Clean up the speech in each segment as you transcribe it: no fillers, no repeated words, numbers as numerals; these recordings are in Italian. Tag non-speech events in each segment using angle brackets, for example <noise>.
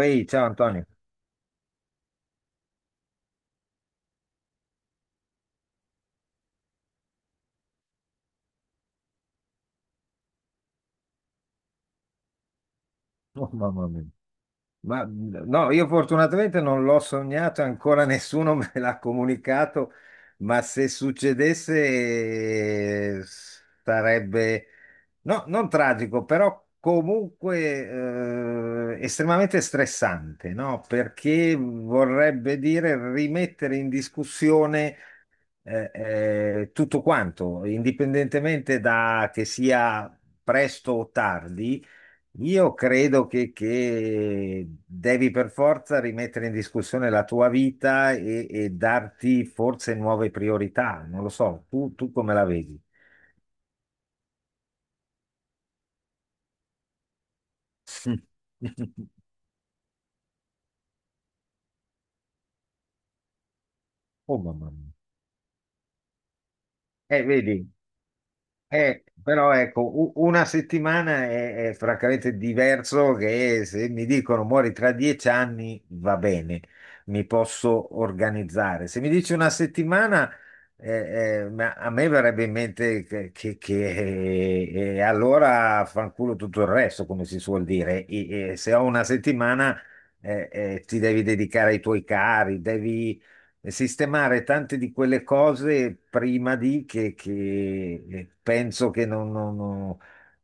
Ehi, ciao Antonio. <laughs> Oh, mamma mia. Ma no, io fortunatamente non l'ho sognato, ancora <laughs> nessuno me l'ha comunicato, ma se succedesse, sarebbe, no, non tragico, però comunque estremamente stressante, no? Perché vorrebbe dire rimettere in discussione tutto quanto, indipendentemente da che sia presto o tardi. Io credo che devi per forza rimettere in discussione la tua vita e darti forse nuove priorità. Non lo so, tu come la vedi? <laughs> Mm. Oh mamma mia. Vedi, però ecco, una settimana è francamente diverso che se mi dicono muori tra 10 anni, va bene, mi posso organizzare. Se mi dici una settimana, ma a me verrebbe in mente e allora fanculo tutto il resto, come si suol dire. E se ho una settimana, ti devi dedicare ai tuoi cari, devi e sistemare tante di quelle cose prima di penso che non, non- non-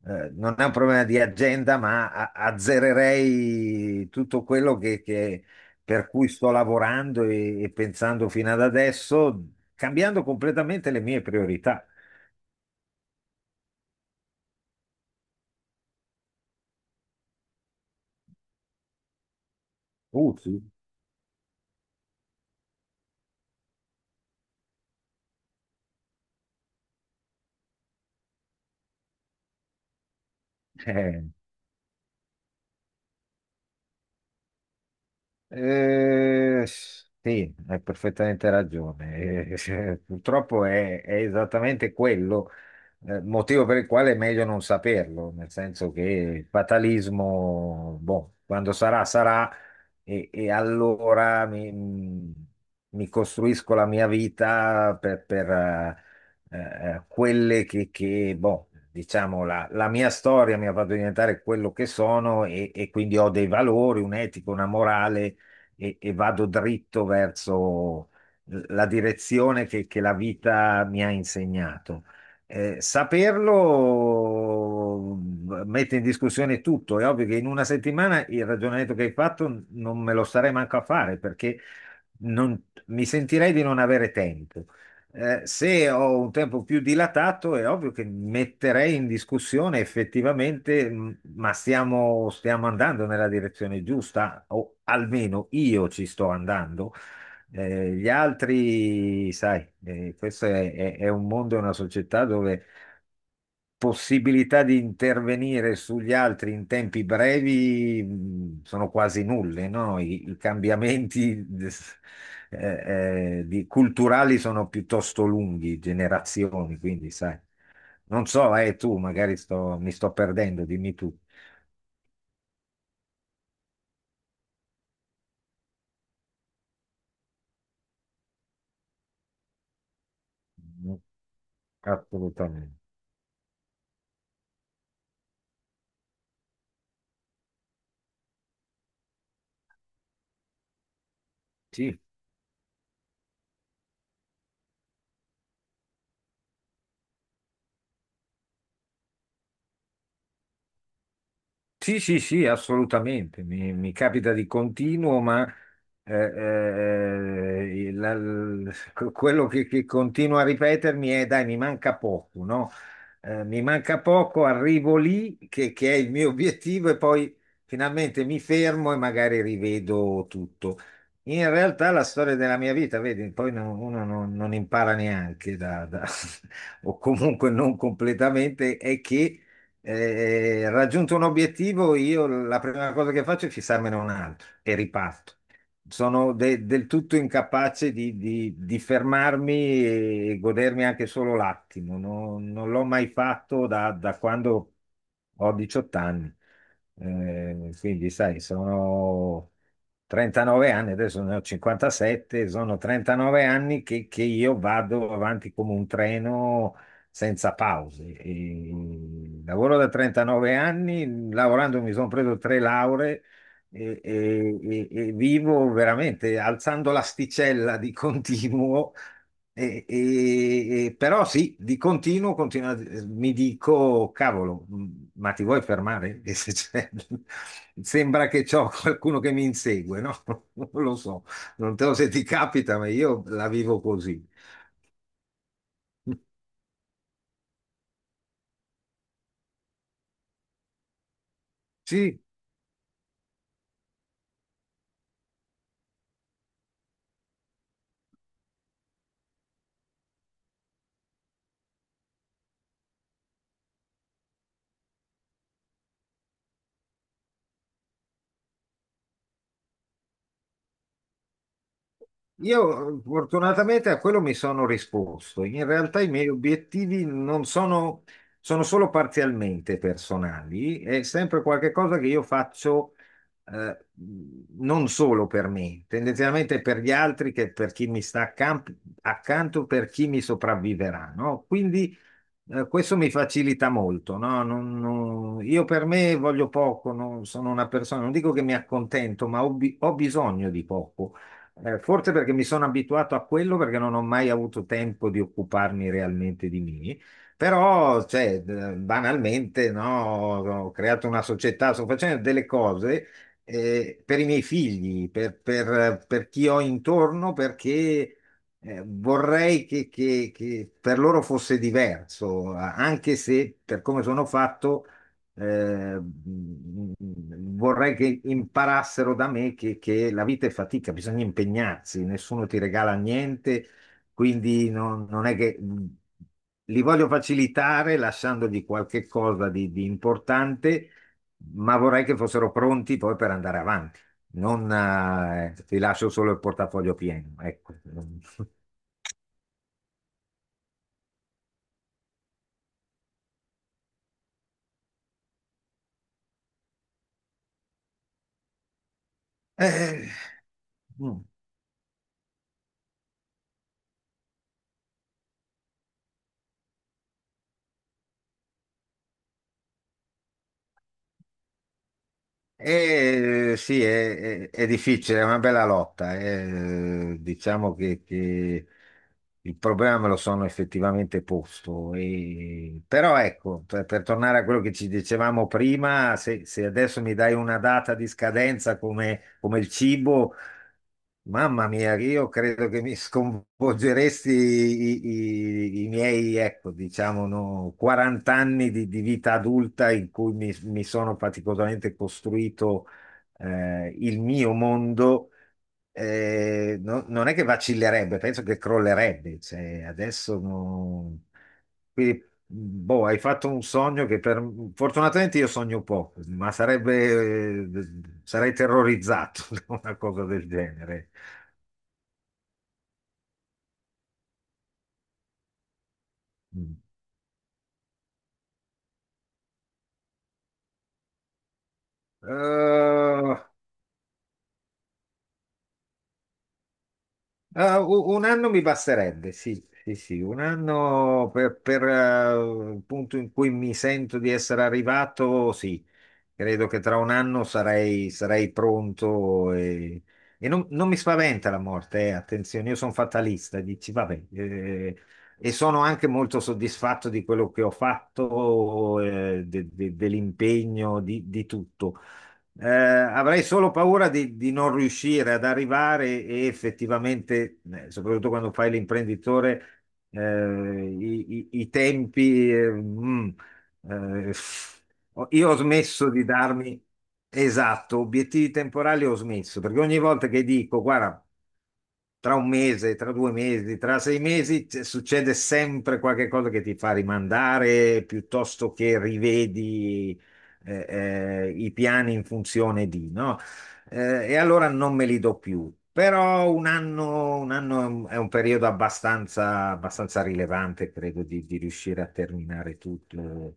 eh, non è un problema di agenda, ma azzererei tutto quello per cui sto lavorando e pensando fino ad adesso, cambiando completamente le mie priorità. Sì. Eh. Sì, hai perfettamente ragione. <laughs> Cioè, purtroppo è esattamente quello, motivo per il quale è meglio non saperlo, nel senso che il fatalismo, boh, quando sarà, sarà, e allora mi costruisco la mia vita quelle boh, diciamo, la mia storia mi ha fatto diventare quello che sono e quindi ho dei valori, un'etica, una morale e vado dritto verso la direzione che la vita mi ha insegnato. Saperlo mette in discussione tutto. È ovvio che in una settimana il ragionamento che hai fatto non me lo starei manco a fare perché non- mi sentirei di non avere tempo. Se ho un tempo più dilatato, è ovvio che metterei in discussione effettivamente, ma stiamo andando nella direzione giusta, o almeno io ci sto andando. Gli altri, sai, questo è un mondo, è una società dove possibilità di intervenire sugli altri in tempi brevi, sono quasi nulle, no? I cambiamenti <laughs> culturali sono piuttosto lunghi, generazioni, quindi sai. Non so, tu magari mi sto perdendo, dimmi tu. Mm. Assolutamente. Sì. Sì, sì, sì, assolutamente, mi capita di continuo, ma eh, eh, la- l- quello che continuo a ripetermi è dai, mi manca poco, no? Mi manca poco, arrivo lì, che è il mio <laughs> obiettivo, e poi finalmente mi fermo e magari rivedo tutto. In realtà la storia della mia vita, vedi, poi uno non impara neanche <laughs> o comunque non completamente, è che raggiunto un obiettivo, io la prima cosa che faccio è fissarmene un altro e riparto. Sono del tutto incapace di fermarmi e godermi anche solo l'attimo. Non l'ho mai fatto da quando ho 18 anni. Quindi, sai, sono 39 anni, adesso ne ho 57, sono 39 anni che io vado avanti come un treno senza pause. E lavoro da 39 anni, lavorando mi sono preso tre lauree e vivo veramente alzando l'asticella di continuo. Però sì, di continuo, mi dico, cavolo, ma ti vuoi fermare? <laughs> E se c'è- <laughs> Sembra che c'ho qualcuno che mi insegue, no? <laughs> Non lo so, non te lo so se ti capita, ma io la vivo così. Sì. Io fortunatamente a quello mi sono risposto. In realtà i miei obiettivi non sono, sono solo parzialmente personali, è sempre qualcosa che io faccio eh, non solo per me, tendenzialmente per gli altri, che per chi mi sta accanto, per chi mi sopravviverà, no? Quindi questo mi facilita molto, no? Io per me voglio poco, non sono una persona, non dico che mi accontento, ma ho bisogno di poco. Forse perché mi sono abituato a quello, perché non ho mai avuto tempo di occuparmi realmente di me. Però, cioè, banalmente, no, ho creato una società, sto facendo delle cose per i miei figli, per chi ho intorno, perché vorrei che per loro fosse diverso, anche se per come sono fatto, eh, mh, vorrei che imparassero da me che la vita è fatica, bisogna impegnarsi, nessuno ti regala niente, quindi non è che, li voglio facilitare lasciandogli qualche cosa di importante, ma vorrei che fossero pronti poi per andare avanti. Non, ti lascio solo il portafoglio pieno, ecco. <laughs> Eh, mm. Sì, è difficile, è una bella lotta. Diciamo che il problema me lo sono effettivamente posto. Però ecco, per tornare a quello che ci dicevamo prima, se adesso mi dai una data di scadenza come, come il cibo. Mamma mia, io credo che mi <laughs> sconvolgeresti i miei, ecco, diciamo, no, 40 anni di vita adulta in cui mi sono faticosamente costruito, il mio mondo. Non è che vacillerebbe, penso che crollerebbe. Cioè, adesso quindi... Boh, hai fatto un sogno che per... Fortunatamente io sogno poco, ma sarebbe... sarei terrorizzato <laughs> da una cosa del genere. Mm. Eh, un anno mi basterebbe, sì, sì, sì, un anno per, il punto in cui mi sento di essere arrivato, sì. Credo che tra un anno sarei pronto e non mi spaventa la morte, attenzione, io sono fatalista, dici, vabbè, e sono anche molto soddisfatto di quello che ho fatto, dell'impegno, di tutto. Avrei solo paura di non riuscire ad arrivare e, effettivamente, soprattutto quando fai l'imprenditore, eh, i tempi, eh, io ho smesso di darmi, esatto, obiettivi temporali ho smesso, perché ogni volta che dico, guarda, tra un mese, tra 2 mesi, tra 6 mesi, succede sempre qualche cosa che ti fa rimandare piuttosto che rivedi eh, i piani in funzione di, no? E allora non me li do più. Però un anno è un periodo abbastanza rilevante, credo, di riuscire a terminare tutto.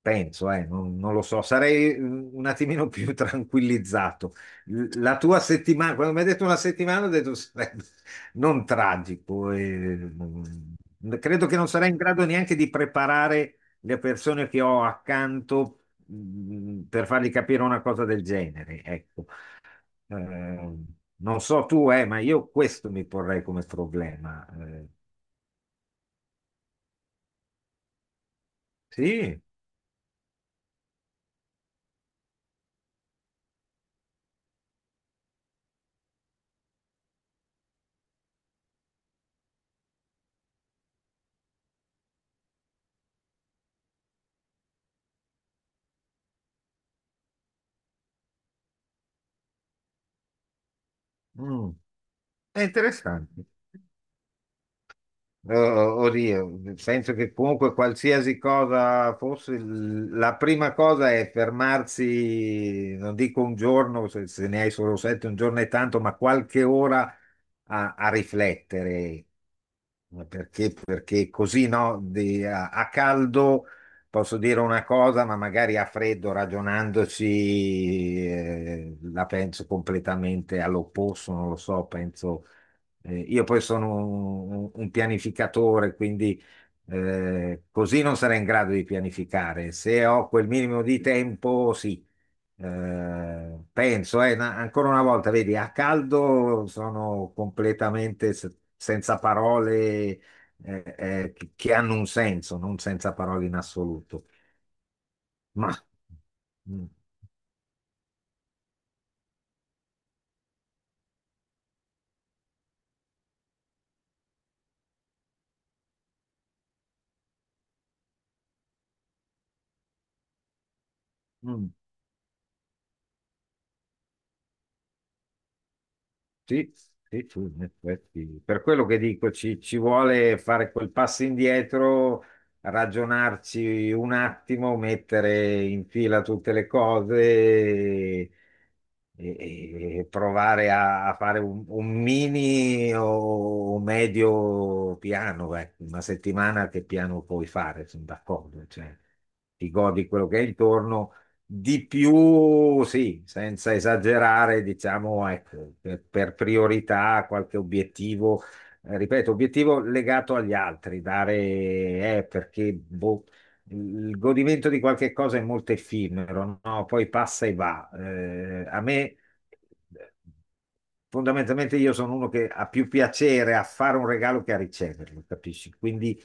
Penso, non lo so, sarei, un attimino più <laughs> tranquillizzato. La tua settimana, quando mi hai detto una settimana, ho detto sarebbe non tragico. E, mm, credo che non sarei in grado neanche di preparare le persone che ho accanto, per fargli capire una cosa del genere. Ecco. Eh, Non so tu, ma io questo mi porrei come problema. Sì, mm, è interessante. Oddio, penso che comunque qualsiasi cosa fosse, la prima cosa è fermarsi, non dico un giorno, se ne hai solo sette, un giorno è tanto, ma qualche ora a riflettere. Ma perché così, no, a caldo posso dire una cosa, ma magari a freddo ragionandoci, la penso completamente all'opposto, non lo so, penso, io poi sono un pianificatore, quindi così non sarei in grado di pianificare. Se ho quel minimo di tempo, sì. Penso, ancora una volta, vedi, a caldo sono completamente senza parole, che hanno un senso, non senza parole in assoluto. Ma mm, mm. Sì, sì, sì, in effetti. Per quello che dico, ci vuole fare quel passo indietro, ragionarci un attimo, mettere in fila tutte le cose e provare a fare un mini o un medio piano. Ecco. Una settimana che piano puoi fare? Sono d'accordo, cioè, ti godi quello che hai intorno di più, sì, senza esagerare, diciamo, ecco, per priorità qualche obiettivo, ripeto, obiettivo legato agli altri, dare, perché boh, il godimento di qualche cosa è molto effimero, no? Poi passa e va. A me, fondamentalmente, io sono uno che ha più piacere a fare un regalo che a riceverlo, capisci? Quindi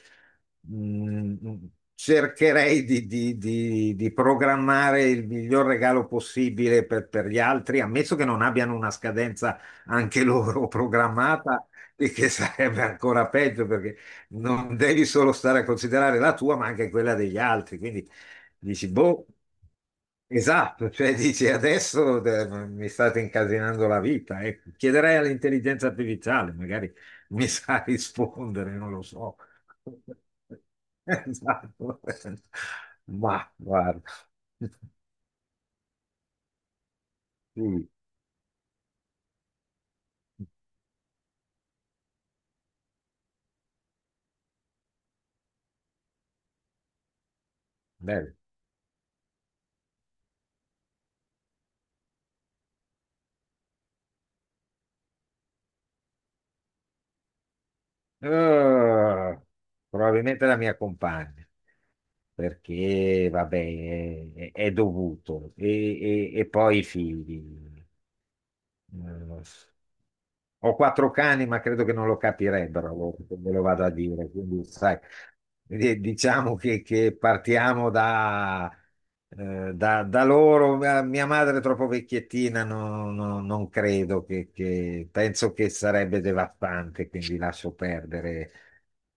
Mm, mm, cercherei di programmare il miglior regalo possibile per gli altri, ammesso che non abbiano una scadenza anche loro <laughs> programmata, e che sarebbe ancora peggio perché non devi solo stare a considerare la tua, ma anche quella degli altri. Quindi dici, boh. Esatto, cioè dici adesso, mi state incasinando la vita, ecco. Chiederei all'intelligenza artificiale, magari <laughs> mi sa rispondere, non lo so. <laughs> Esatto. Ma guarda, sì, bello. Eh, Probabilmente la mia compagna, perché vabbè, è dovuto. E poi i figli. Eh, Ho quattro cani, ma credo che non lo capirebbero loro, me lo vado a dire. Quindi, sai, diciamo che partiamo da, da loro. Mia madre è troppo vecchiettina, non credo penso che sarebbe devastante, quindi lascio perdere.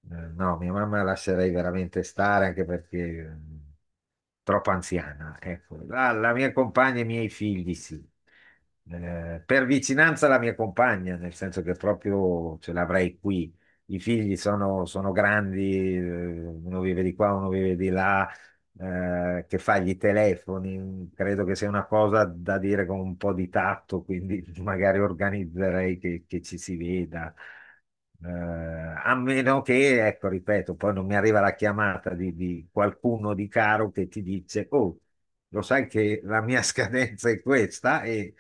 No, mia mamma la lascerei veramente stare anche perché, mm, troppo anziana. Ecco. La mia compagna e i miei figli, sì. Per vicinanza la mia compagna, nel senso che proprio ce l'avrei qui. I figli sono grandi, uno vive di qua, uno vive di là, che fa gli telefoni, credo che sia una cosa da dire con un po' di tatto, quindi <laughs> magari organizzerei che ci si veda. A meno che, ecco, ripeto, poi non mi arriva la chiamata di qualcuno di caro che ti dice, oh, lo sai che la mia <laughs> scadenza è questa, e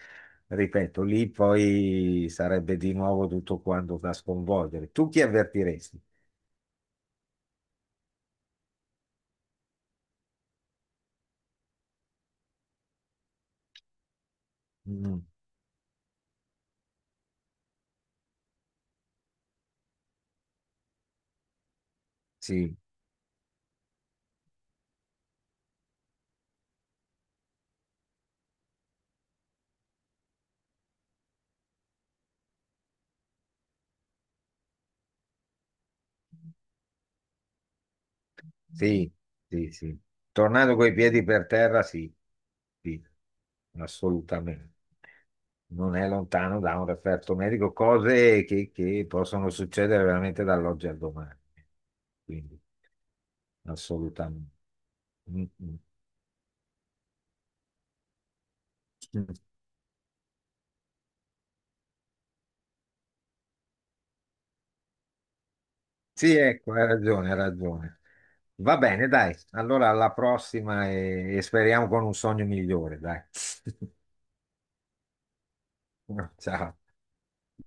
ripeto, lì poi sarebbe di nuovo tutto quanto da sconvolgere. Tu chi avvertiresti? Mm, sì. Sì, sì, sì. Tornando coi piedi per terra, sì, sì, assolutamente. Non è lontano da un referto medico, cose che possono succedere veramente dall'oggi al domani. Quindi, assolutamente. Mm, mm. Sì, ecco, hai ragione, hai ragione. Va bene, dai. Allora, alla prossima e speriamo con un sogno migliore, dai. <laughs> Ciao.